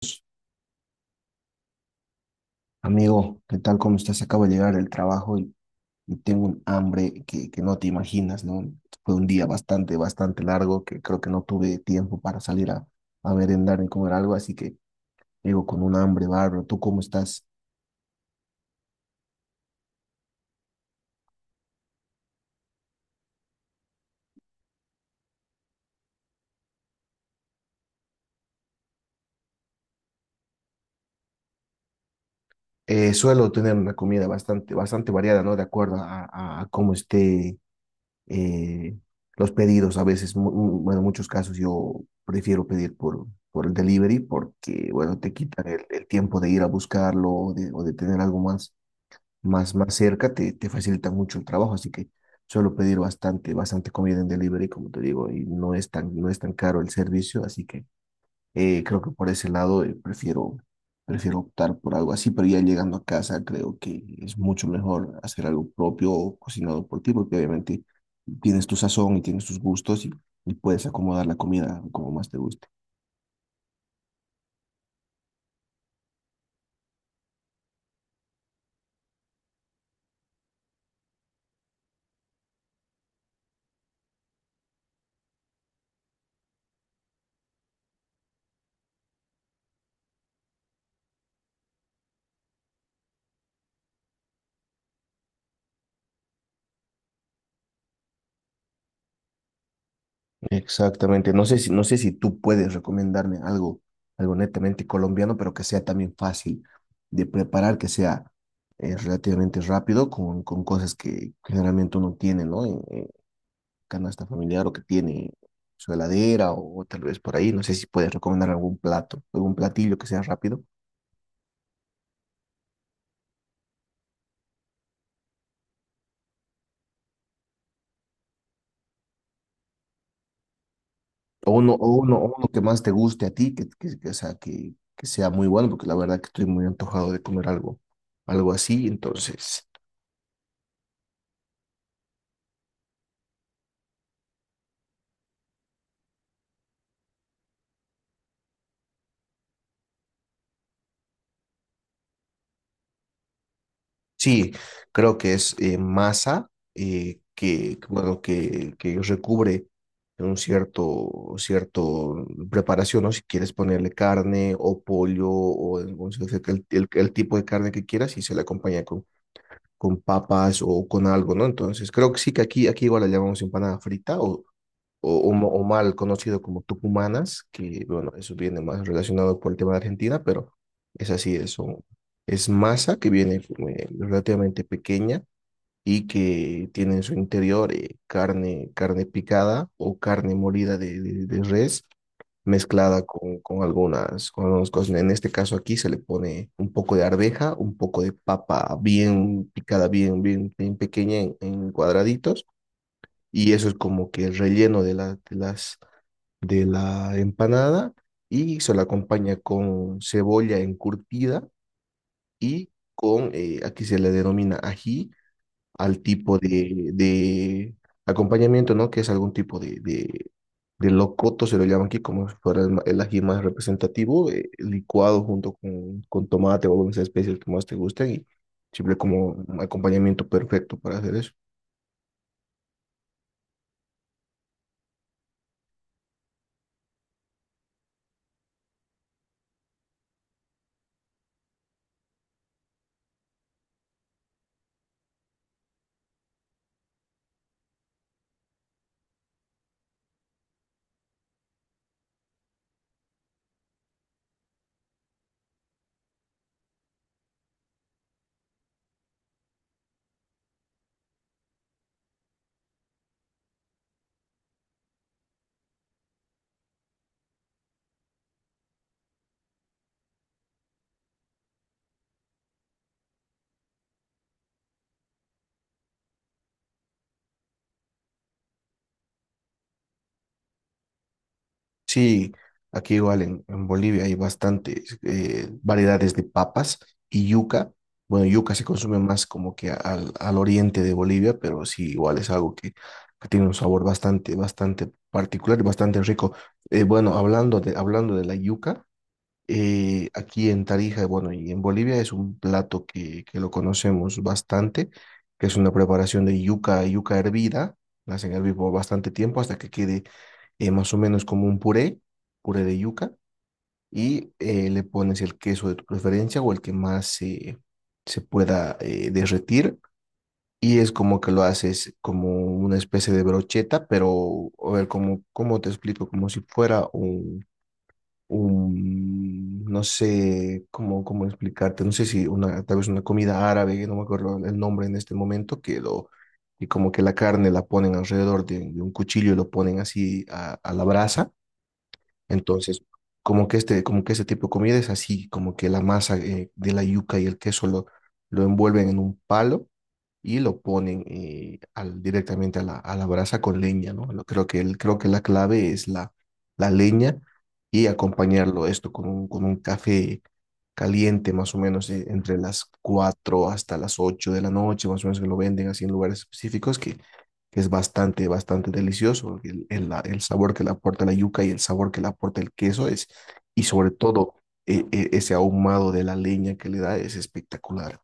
Pues, amigo, ¿qué tal? ¿Cómo estás? Acabo de llegar del trabajo y tengo un hambre que, no te imaginas, ¿no? Fue un día bastante largo que creo que no tuve tiempo para salir a merendar ni comer algo, así que llego con un hambre bárbaro. ¿Tú cómo estás? Suelo tener una comida bastante variada, ¿no? De acuerdo a cómo esté eh, los pedidos a veces, bueno, en muchos casos yo prefiero pedir por el delivery porque, bueno, te quitan el tiempo de ir a buscarlo o de tener algo más, más cerca, te facilita mucho el trabajo, así que suelo pedir bastante comida en delivery, como te digo, y no es tan caro el servicio, así que creo que por ese lado prefiero optar por algo así, pero ya llegando a casa creo que es mucho mejor hacer algo propio o cocinado por ti, porque obviamente tienes tu sazón y tienes tus gustos y puedes acomodar la comida como más te guste. Exactamente. No sé si tú puedes recomendarme algo, algo netamente colombiano, pero que sea también fácil de preparar, que sea relativamente rápido con cosas que generalmente uno tiene, ¿no? Canasta familiar o que tiene su heladera o tal vez por ahí. No sé si puedes recomendar algún plato, algún platillo que sea rápido. O uno que más te guste a ti, o sea, que sea muy bueno, porque la verdad que estoy muy antojado de comer algo, algo así. Entonces, sí, creo que es masa bueno, que recubre un cierto preparación, ¿no? Si quieres ponerle carne o pollo o sea, el tipo de carne que quieras y se le acompaña con papas o con algo, ¿no? Entonces creo que sí que aquí igual la llamamos empanada frita o, o mal conocido como tucumanas, que bueno, eso viene más relacionado por el tema de Argentina, pero es así, es masa que viene relativamente pequeña y que tiene en su interior carne, carne picada o carne molida de res, mezclada con algunas cosas. En este caso aquí se le pone un poco de arveja, un poco de papa bien picada, bien pequeña en cuadraditos, y eso es como que el relleno de las de la empanada, y se la acompaña con cebolla encurtida y con, aquí se le denomina ají, al tipo de acompañamiento, ¿no? Que es algún tipo de locoto, se lo llaman aquí como si fuera el ají más representativo, licuado junto con tomate o algunas especies que más te gusten y siempre como un acompañamiento perfecto para hacer eso. Sí, aquí igual en Bolivia hay bastantes variedades de papas y yuca. Bueno, yuca se consume más como que al oriente de Bolivia, pero sí, igual es algo que tiene un sabor bastante particular y bastante rico. Bueno, hablando de la yuca, aquí en Tarija, bueno, y en Bolivia es un plato que lo conocemos bastante, que es una preparación de yuca, yuca hervida. La hacen hervir por bastante tiempo hasta que quede más o menos como un puré, puré de yuca, y le pones el queso de tu preferencia o el que más se pueda derretir. Y es como que lo haces como una especie de brocheta, pero a ver, como, ¿cómo te explico? Como si fuera un no sé cómo, cómo explicarte, no sé si una, tal vez una comida árabe, no me acuerdo el nombre en este momento, y como que la carne la ponen alrededor de un cuchillo y lo ponen así a la brasa. Entonces, como que este tipo de comida es así, como que la masa de la yuca y el queso lo envuelven en un palo y lo ponen al, directamente a la brasa con leña, ¿no? Creo que la clave es la, la leña y acompañarlo esto con un café caliente, más o menos entre las 4 hasta las 8 de la noche, más o menos que lo venden así en lugares específicos que es bastante delicioso. El el sabor que le aporta la yuca y el sabor que le aporta el queso es, y sobre todo ese ahumado de la leña que le da es espectacular.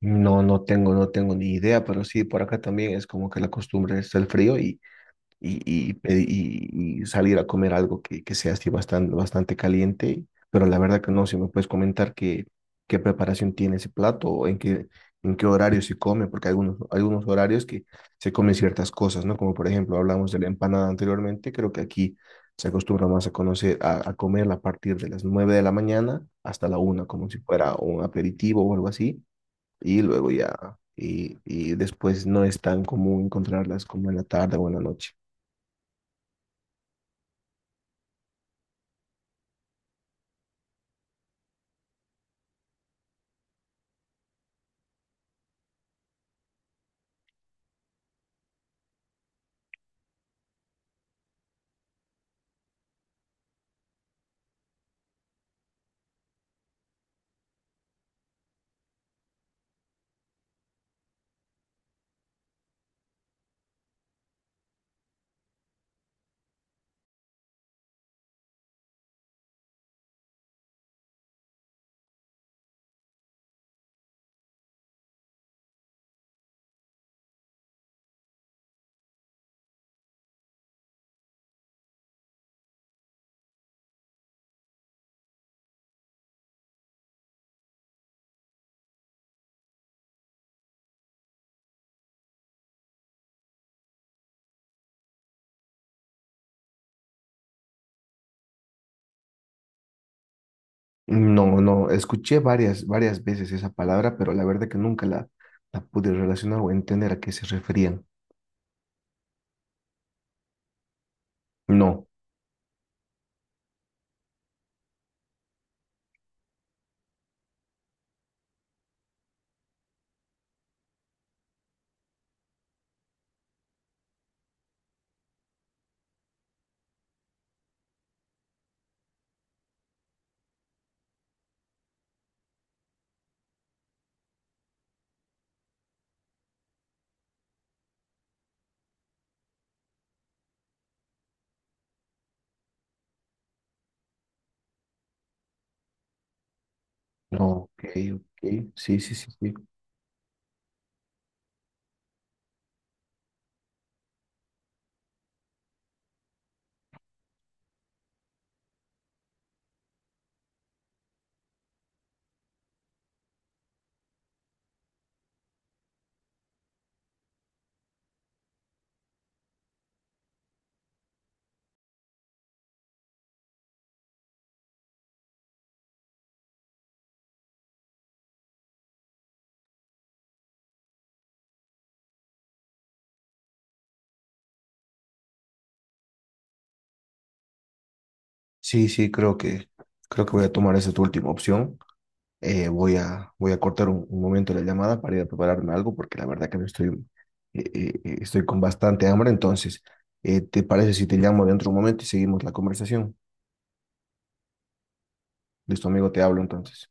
No, no tengo ni idea, pero sí, por acá también es como que la costumbre es el frío y, y salir a comer algo que sea así bastante caliente, pero la verdad que no, si me puedes comentar qué preparación tiene ese plato en qué horario se come, porque hay algunos, algunos horarios que se comen ciertas cosas, ¿no? Como por ejemplo hablamos de la empanada anteriormente, creo que aquí se acostumbra más a conocer, a comerla a partir de las 9 de la mañana hasta la una como si fuera un aperitivo o algo así, y luego ya... Y, y después no es tan común encontrarlas como en la tarde o en la noche. No, no, escuché varias veces esa palabra, pero la verdad que nunca la pude relacionar o entender a qué se referían. No, no, ok, ok, sí, sí, sí, sí. Sí, sí, creo que voy a tomar esa tu última opción. Voy a cortar un momento la llamada para ir a prepararme algo, porque la verdad que me estoy, estoy con bastante hambre. Entonces, ¿te parece si te llamo dentro de un momento y seguimos la conversación? Listo, amigo, te hablo entonces.